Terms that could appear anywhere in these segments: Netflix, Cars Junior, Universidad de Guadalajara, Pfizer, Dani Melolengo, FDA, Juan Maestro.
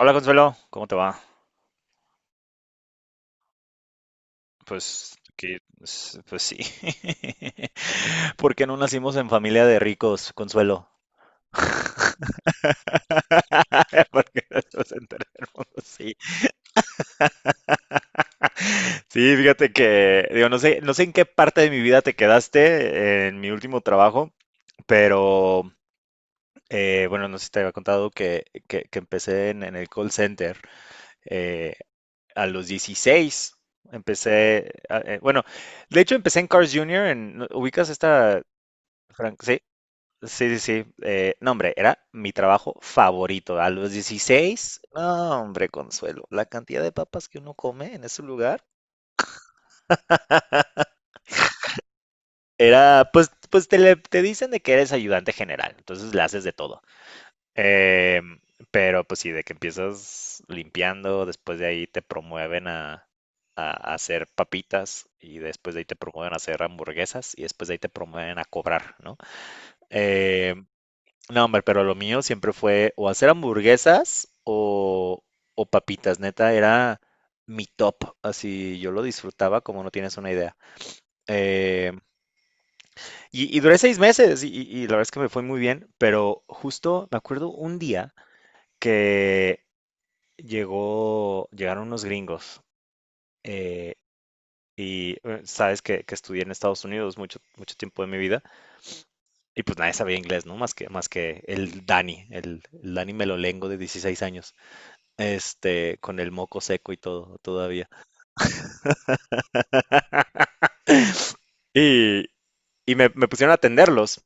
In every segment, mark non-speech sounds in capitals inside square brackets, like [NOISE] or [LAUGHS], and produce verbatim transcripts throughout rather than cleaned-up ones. Hola Consuelo, ¿cómo te va? Pues, que- s- pues sí. [LAUGHS] ¿Por qué no nacimos en familia de ricos, Consuelo? [LAUGHS] Porque nos mundo, sí. [LAUGHS] Sí, fíjate que, digo, no sé, no sé en qué parte de mi vida te quedaste, eh, en mi último trabajo, pero eh, bueno, no sé si te había contado que, que- que empecé en, en el call center. eh, a los dieciséis empecé, a- eh, bueno, de hecho empecé en Cars Junior. En, ¿no ubicas esta, Frank? Sí, sí, sí, sí, eh, no hombre, era mi trabajo favorito, a los dieciséis, no hombre, Consuelo, la cantidad de papas que uno come en ese lugar, era, pues, pues te, le- te dicen de que eres ayudante general, entonces le haces de todo. Eh, pero pues sí, de que empiezas limpiando, después de ahí te promueven a, a- a hacer papitas, y después de ahí te promueven a hacer hamburguesas, y después de ahí te promueven a cobrar, ¿no? Eh, no, hombre, pero lo mío siempre fue o hacer hamburguesas o, o papitas, neta, era mi top, así yo lo disfrutaba como no tienes una idea. Eh, y, y duré seis meses y, y- y la verdad es que me fue muy bien, pero justo me acuerdo un día que llegó, llegaron unos gringos. eh, y eh, sabes que, que estudié en Estados Unidos mucho, mucho tiempo de mi vida, y pues nadie sabía inglés, ¿no? Más que, más que el Dani, el, el Dani Melolengo de dieciséis años, este, con el moco seco y todo todavía. Y, y me, me pusieron a atenderlos.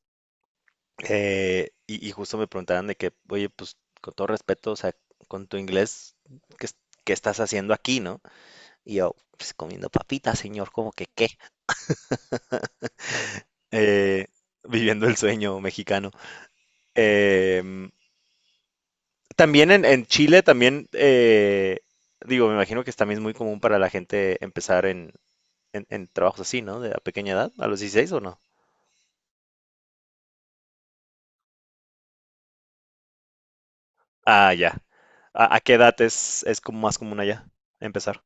Eh, y, y justo me preguntaban de que, oye, pues con todo respeto, o sea, con tu inglés, ¿qué, es- qué estás haciendo aquí, no? Y yo, pues comiendo papitas, señor, como que qué. eh, Viviendo el sueño mexicano. Eh, También en, en, Chile, también, eh, digo, me imagino que es también muy común para la gente empezar en, en, en trabajos así, ¿no? De a pequeña edad, a los dieciséis o no. Ah, ya. ¿A, a qué edad es, es como más común allá empezar?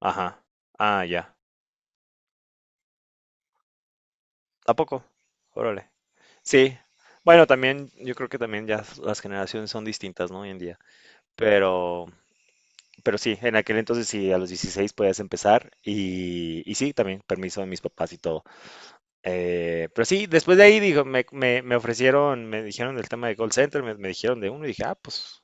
Ajá. Ah, ya. ¿A poco? Órale. Sí. Bueno, también yo creo que también ya las generaciones son distintas, ¿no? Hoy en día. Pero, Pero sí, en aquel entonces sí, a los dieciséis podías empezar y, y sí, también permiso de mis papás y todo. Eh, pero sí, después de ahí dijo, me, me- me ofrecieron, me dijeron del tema de call center, me, me dijeron de uno y dije, ah, pues,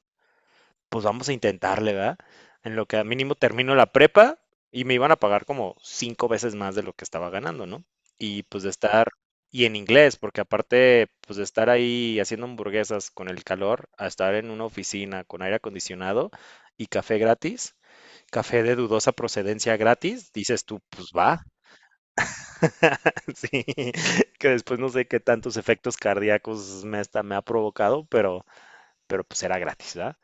pues vamos a intentarle, ¿verdad? En lo que a mínimo termino la prepa, y me iban a pagar como cinco veces más de lo que estaba ganando, ¿no? Y pues de estar, y en inglés, porque aparte, pues de estar ahí haciendo hamburguesas con el calor, a estar en una oficina con aire acondicionado y café gratis, café de dudosa procedencia gratis, dices tú, pues va. [LAUGHS] Sí, que después no sé qué tantos efectos cardíacos me, hasta me ha provocado, pero, pero pues era gratis, ¿verdad?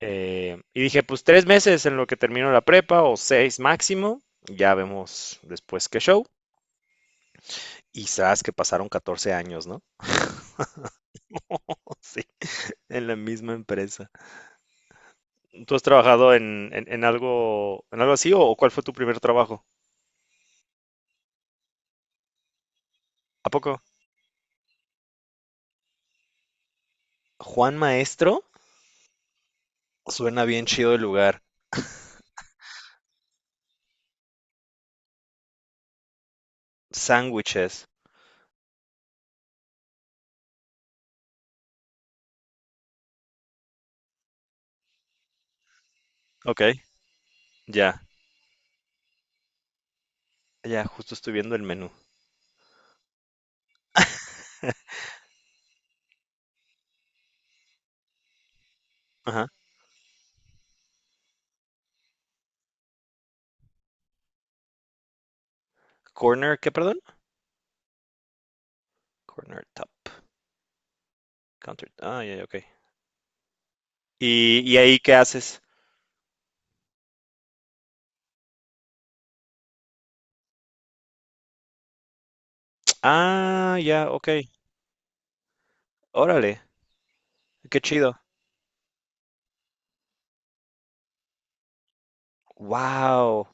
Eh, y dije, pues tres meses en lo que termino la prepa o seis máximo, ya vemos después qué show. Y sabes que pasaron catorce años, ¿no? [LAUGHS] Sí, en la misma empresa. ¿Tú has trabajado en, en, en algo, en algo así, o cuál fue tu primer trabajo? ¿A poco? Juan Maestro, suena bien chido el lugar. Sándwiches. Ok, ya. Ya, justo estoy viendo el menú. Ajá. Corner, ¿qué, perdón? Corner top. Counter. Ah, ya, ya, ok. ¿Y, y ahí qué haces? Ah, ya, ok. Órale, qué chido. Wow.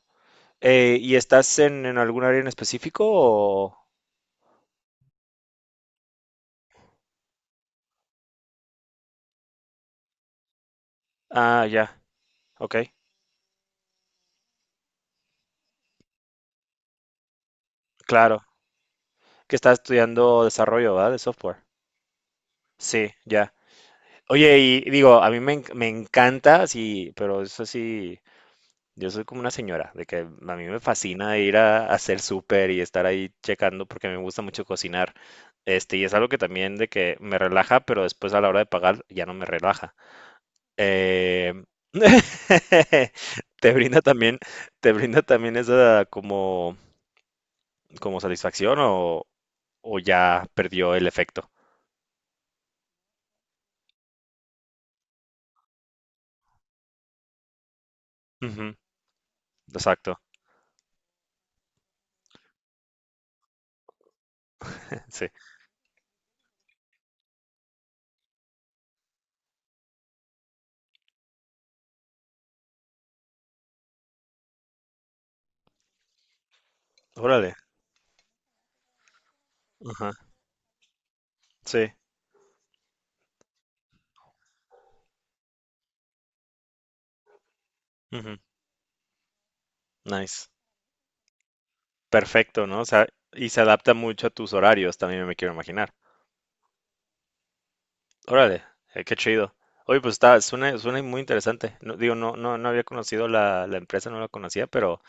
Eh, ¿y estás en, en algún área en específico o...? Ah, ya, ok. Claro. Que estás estudiando desarrollo, ¿verdad? De software. Sí, ya. Oye, y digo, a mí me, en- me encanta, sí, pero eso sí, yo soy como una señora, de que a mí me fascina ir a, a hacer súper y estar ahí checando porque me gusta mucho cocinar. Este, y es algo que también de que me relaja, pero después a la hora de pagar ya no me relaja. Eh, [LAUGHS] te brinda también, te brinda también esa, como, como satisfacción, o, o ya perdió el efecto. Ujú, exacto, sí. Órale. Ajá, sí. Ujú. Nice. Perfecto, ¿no? O sea, y se adapta mucho a tus horarios, también me quiero imaginar. Órale, eh, qué chido. Oye, pues está, suena, suena muy interesante. No, digo, no, no, no había conocido la, la empresa, no la conocía, pero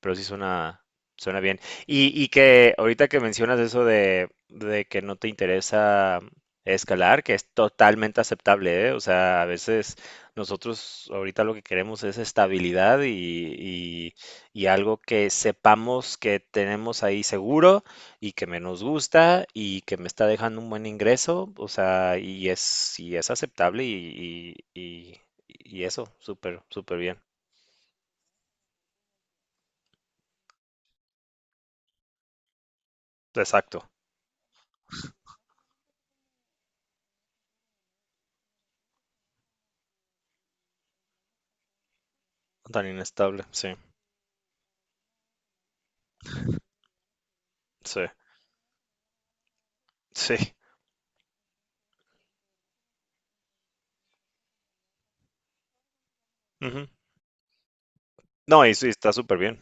pero sí suena, suena bien. Y, y que ahorita que mencionas eso de, de que no te interesa escalar, que es totalmente aceptable, ¿eh? O sea, a veces nosotros ahorita lo que queremos es estabilidad, y, y- y algo que sepamos que tenemos ahí seguro y que me nos gusta y que me está dejando un buen ingreso, o sea, y es, y es aceptable, y, y- y- y eso, súper, súper bien. Exacto, tan inestable, sí. Sí, sí. Ujú. No, y sí, está súper bien.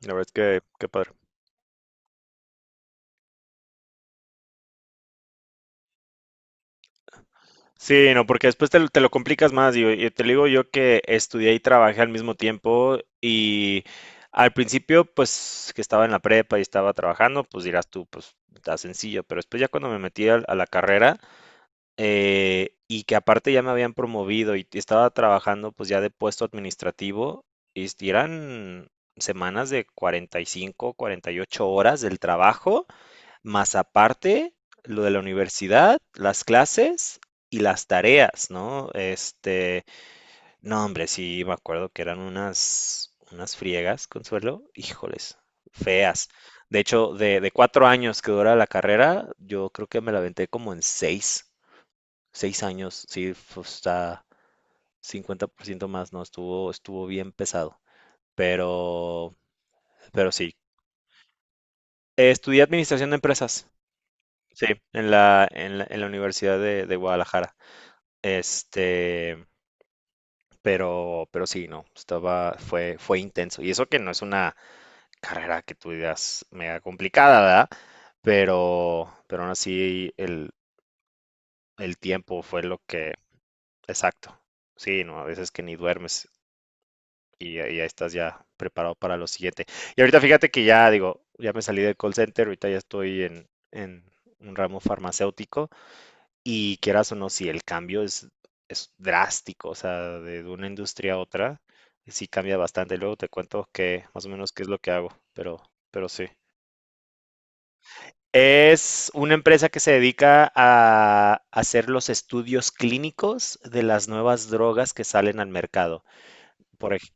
La verdad es que, qué padre. Sí, no, porque después te, lo te lo complicas más, digo, Y, te lo digo yo, que estudié y trabajé al mismo tiempo, y al principio, pues, que estaba en la prepa y estaba trabajando, pues dirás tú, pues, está sencillo. Pero después ya, cuando me metí al- a, la carrera, eh, y que aparte ya me habían promovido y estaba trabajando, pues, ya de puesto administrativo, y eran semanas de cuarenta, cuarenta y cinco, cuarenta y ocho horas del trabajo. Más aparte, lo de la universidad, las clases y las tareas, ¿no? Este, no, hombre, sí, me acuerdo que eran unas, unas friegas, Consuelo, híjoles, feas. De hecho, de, de cuatro años que dura la carrera, yo creo que me la aventé como en seis, seis años, sí, fue- hasta cincuenta por ciento más, ¿no? Estuvo, estuvo bien pesado, pero, pero sí. Eh, Estudié administración de empresas, sí, en la, en la, en la Universidad de de Guadalajara. Este, pero, pero sí, no, estaba, fue, fue intenso. Y eso que no es una carrera que tú digas mega complicada, ¿verdad? Pero, pero aún así el, el tiempo fue lo que, exacto. Sí, no, a veces que ni duermes, y ahí ya estás ya preparado para lo siguiente. Y ahorita fíjate que, ya digo, ya me salí del call center, ahorita ya estoy en, en un ramo farmacéutico. Y quieras o no, si el cambio es, es drástico, o sea, de una industria a otra, sí cambia bastante. Luego te cuento que más o menos qué es lo que hago, pero, pero sí. Es una empresa que se dedica a hacer los estudios clínicos de las nuevas drogas que salen al mercado. Por, ej-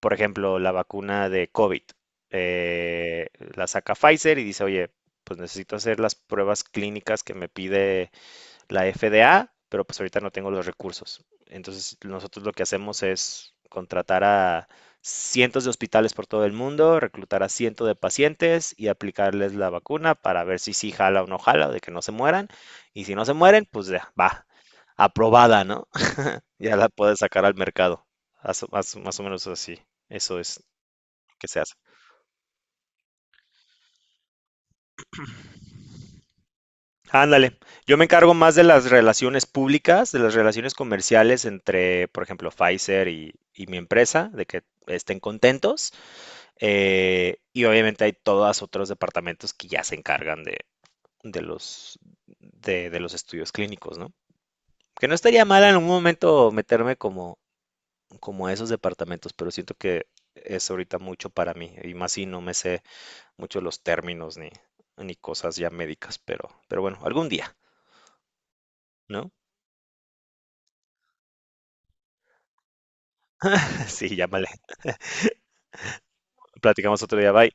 por ejemplo, la vacuna de COVID. eh, la saca Pfizer y dice, oye, pues necesito hacer las pruebas clínicas que me pide la F D A, pero pues ahorita no tengo los recursos. Entonces, nosotros lo que hacemos es contratar a cientos de hospitales por todo el mundo, reclutar a cientos de pacientes y aplicarles la vacuna para ver si sí jala o no jala, de que no se mueran. Y si no se mueren, pues ya, va, aprobada, ¿no? [LAUGHS] Ya la puedes sacar al mercado. Más, más, más o menos así. Eso es lo que se hace. Ándale, yo me encargo más de las relaciones públicas, de las relaciones comerciales entre, por ejemplo, Pfizer y, y mi empresa, de que estén contentos. Eh, y obviamente hay todos otros departamentos que ya se encargan de, de los, de, de los estudios clínicos, ¿no? Que no estaría mal en un momento meterme como, como a esos departamentos, pero siento que es ahorita mucho para mí, y más si no me sé mucho los términos, ni, ni cosas ya médicas, pero, pero bueno, algún día, ¿no? [LAUGHS] Sí, ya vale. Platicamos otro día. Bye.